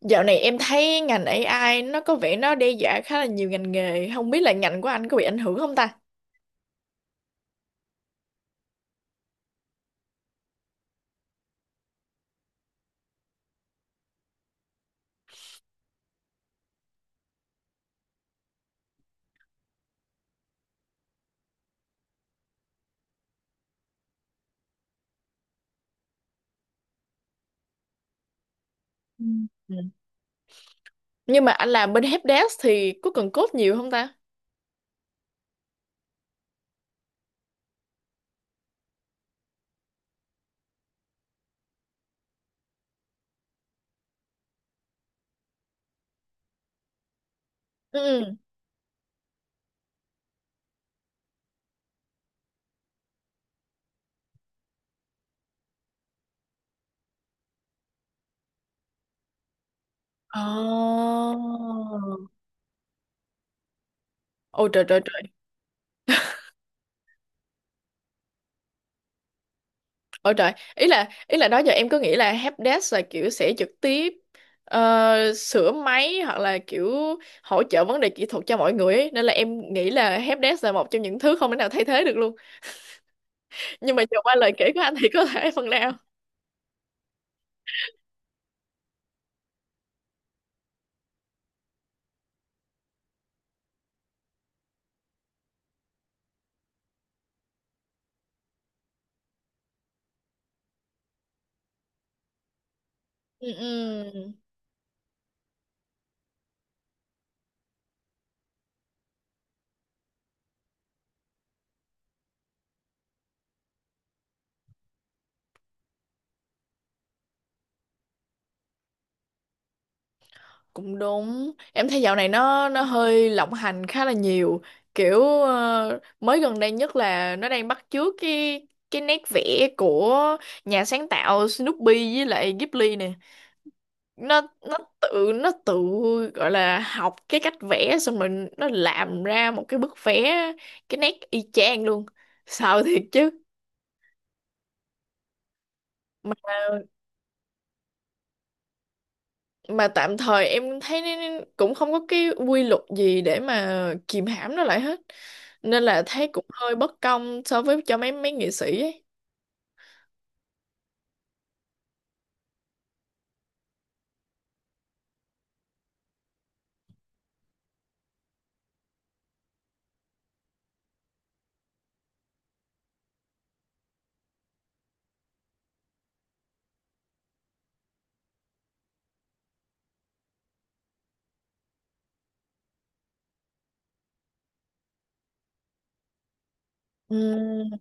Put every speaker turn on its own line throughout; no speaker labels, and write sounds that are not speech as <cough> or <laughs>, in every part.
Dạo này em thấy ngành AI nó có vẻ đe dọa khá là nhiều ngành nghề, không biết là ngành của anh có bị ảnh hưởng không ta? Ừ. Ừ. Nhưng mà anh làm bên helpdesk thì có cần code nhiều không ta? Ừ. Ồ. Ôi trời trời trời. Ôi trời. Ý là đó giờ em cứ nghĩ là helpdesk là kiểu sẽ trực tiếp sửa máy hoặc là kiểu hỗ trợ vấn đề kỹ thuật cho mọi người ấy. Nên là em nghĩ là helpdesk là một trong những thứ không thể nào thay thế được luôn. Nhưng mà giờ qua lời kể của anh thì có thể phần nào. Ừ. Ừ. Cũng đúng, em thấy dạo này nó hơi lộng hành khá là nhiều, kiểu mới gần đây nhất là nó đang bắt chước cái nét vẽ của nhà sáng tạo Snoopy với lại Ghibli nè. Nó tự gọi là học cái cách vẽ, xong rồi nó làm ra một cái bức vẽ cái nét y chang luôn, sợ thiệt chứ. Mà mà tạm thời em thấy nó cũng không có cái quy luật gì để mà kìm hãm nó lại hết, nên là thấy cũng hơi bất công so với cho mấy mấy nghệ sĩ ấy. Ừ.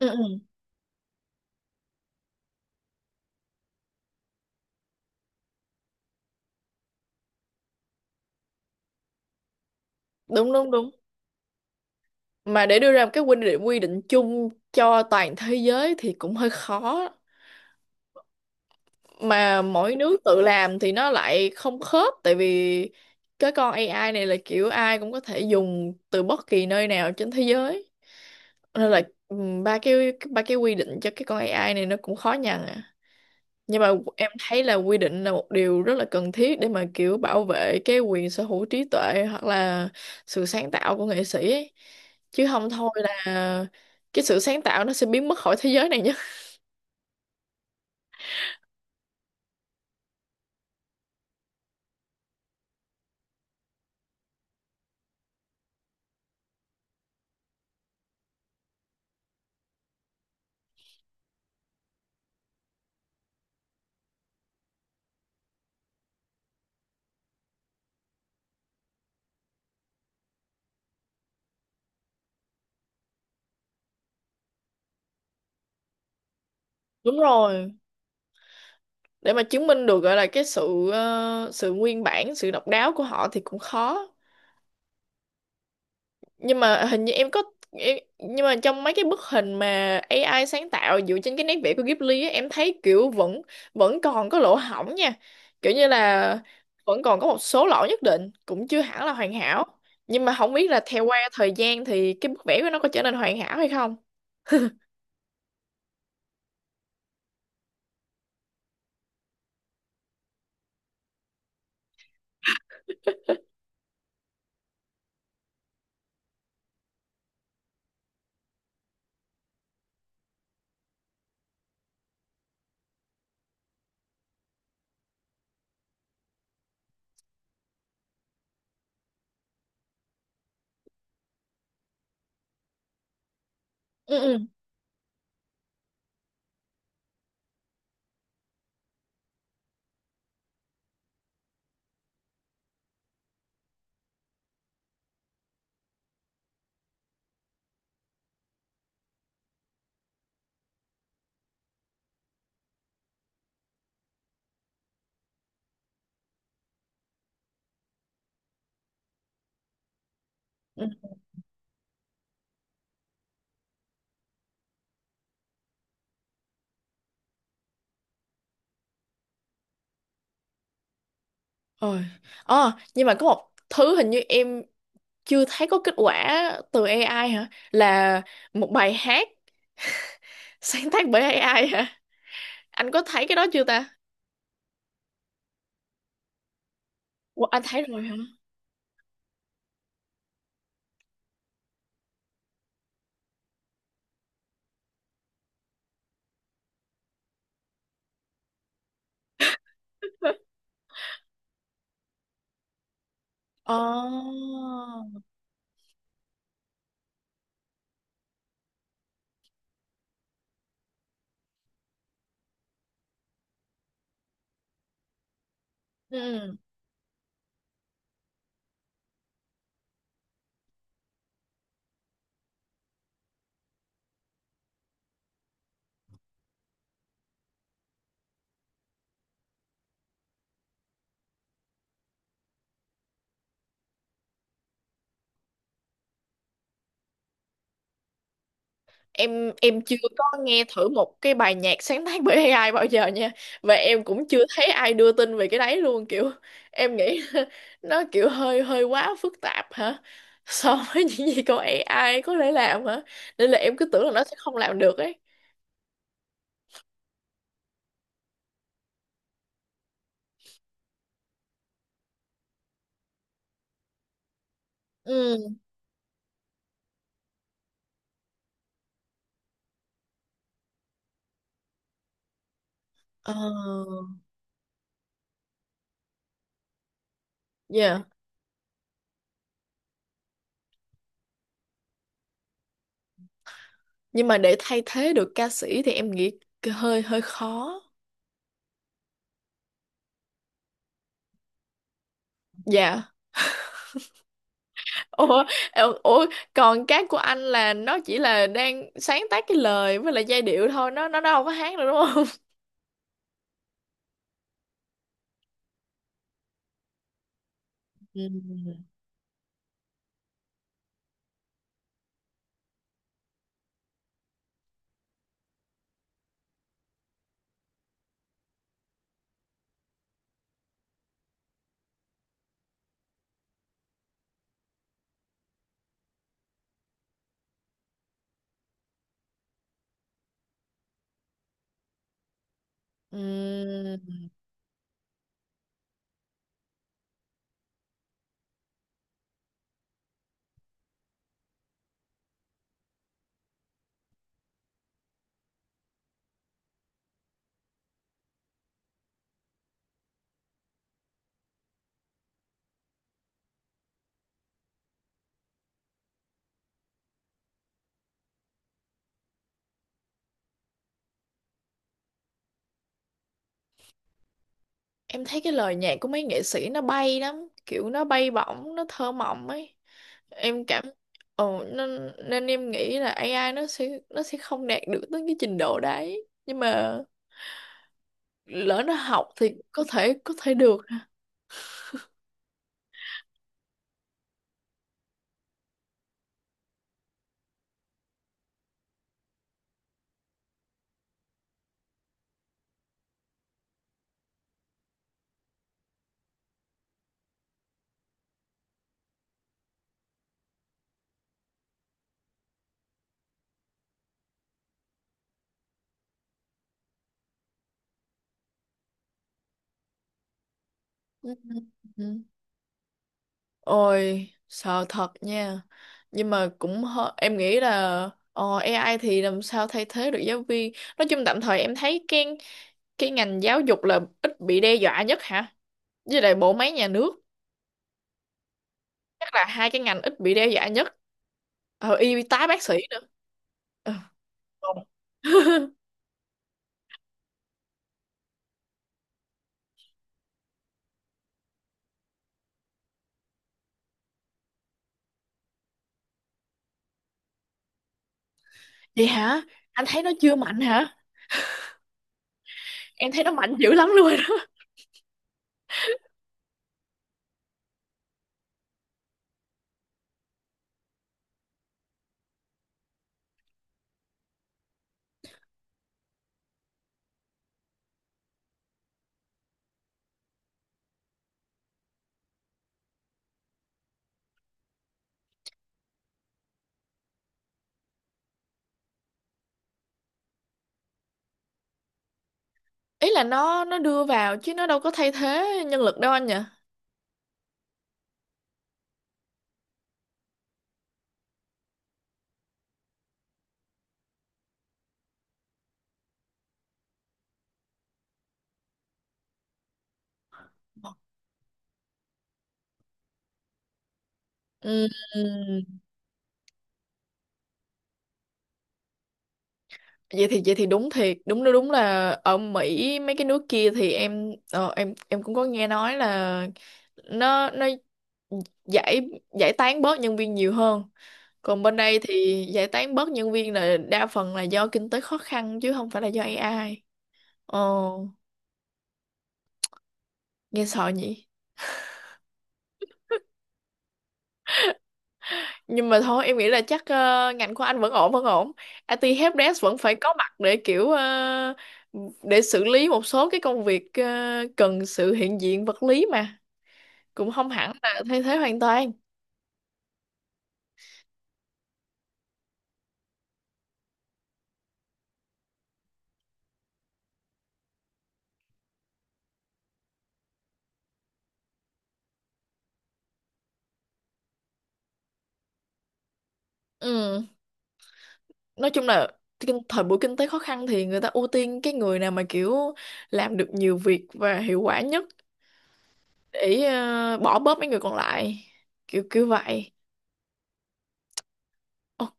Ừ. Ừ. Đúng đúng đúng. Mà để đưa ra một cái quy định chung cho toàn thế giới thì cũng hơi khó, mà mỗi nước tự làm thì nó lại không khớp, tại vì cái con AI này là kiểu ai cũng có thể dùng từ bất kỳ nơi nào trên thế giới, nên là ừm, ba cái ba cái quy định cho cái con AI này nó cũng khó nhằn à. Nhưng mà em thấy là quy định là một điều rất là cần thiết để mà kiểu bảo vệ cái quyền sở hữu trí tuệ hoặc là sự sáng tạo của nghệ sĩ ấy, chứ không thôi là cái sự sáng tạo nó sẽ biến mất khỏi thế giới này nhé. <laughs> Đúng rồi, để mà chứng minh được gọi là cái sự sự nguyên bản, sự độc đáo của họ thì cũng khó. Nhưng mà hình như nhưng mà trong mấy cái bức hình mà AI sáng tạo dựa trên cái nét vẽ của Ghibli á, em thấy kiểu vẫn vẫn còn có lỗ hổng nha, kiểu như là vẫn còn có một số lỗi nhất định, cũng chưa hẳn là hoàn hảo. Nhưng mà không biết là theo qua thời gian thì cái bức vẽ của nó có trở nên hoàn hảo hay không. Ừ. Ừ. Ừ. Ôi. Ờ, nhưng mà có một thứ hình như em chưa thấy có kết quả từ AI hả? Là một bài hát <laughs> sáng tác bởi AI hả? Anh có thấy cái đó chưa ta? Ủa, anh thấy rồi hả? <laughs> Ồ. Ừ. Em chưa có nghe thử một cái bài nhạc sáng tác bởi AI bao giờ nha. Và em cũng chưa thấy ai đưa tin về cái đấy luôn, kiểu em nghĩ <laughs> nó kiểu hơi hơi quá phức tạp hả? <laughs> So với những gì con AI có thể làm hả? Nên là em cứ tưởng là nó sẽ không làm được ấy. Ừ. Ờ. Yeah. Nhưng mà để thay thế được ca sĩ thì em nghĩ hơi hơi khó. Dạ. Ủa. Ủa, còn cái của anh là nó chỉ là đang sáng tác cái lời với lại giai điệu thôi, nó đâu có hát được đúng không? <laughs> Ừm. Ừm, em thấy cái lời nhạc của mấy nghệ sĩ nó bay lắm, kiểu nó bay bổng, nó thơ mộng ấy. Em cảm Ồ, nên nên em nghĩ là AI nó sẽ không đạt được tới cái trình độ đấy, nhưng mà lỡ nó học thì có thể được. Ừm. Ôi, sợ thật nha. Nhưng mà cũng em nghĩ là AI thì làm sao thay thế được giáo viên. Nói chung tạm thời em thấy cái ngành giáo dục là ít bị đe dọa nhất hả? Với lại bộ máy nhà nước, chắc là hai cái ngành ít bị đe dọa nhất. Ờ, y tá bác sĩ nữa. Ờ, còn- <laughs> Vậy hả? Anh thấy nó chưa mạnh hả? Em thấy nó mạnh dữ lắm luôn rồi đó. Ý là nó đưa vào chứ nó đâu có thay thế nhân lực đâu anh nhỉ? Ừ. Vậy thì đúng thiệt, đúng đúng là ở Mỹ mấy cái nước kia thì em em cũng có nghe nói là nó giải giải tán bớt nhân viên nhiều hơn, còn bên đây thì giải tán bớt nhân viên là đa phần là do kinh tế khó khăn chứ không phải là do AI. Ồ, nghe sợ nhỉ. Nhưng mà thôi, em nghĩ là chắc ngành của anh vẫn ổn, vẫn ổn. IT helpdesk vẫn phải có mặt để kiểu để xử lý một số cái công việc cần sự hiện diện vật lý, mà cũng không hẳn là thay thế hoàn toàn. Ừ. Nói chung là thời buổi kinh tế khó khăn thì người ta ưu tiên cái người nào mà kiểu làm được nhiều việc và hiệu quả nhất, để bỏ bớt mấy người còn lại, kiểu kiểu vậy. Ok.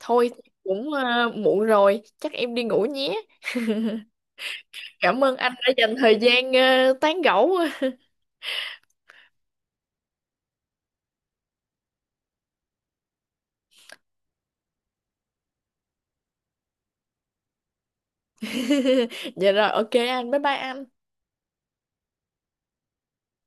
Thôi, cũng muộn rồi, chắc em đi ngủ nhé. Cảm ơn anh đã dành thời gian tán gẫu. <laughs> Dạ rồi, ok, anh, bye bye anh.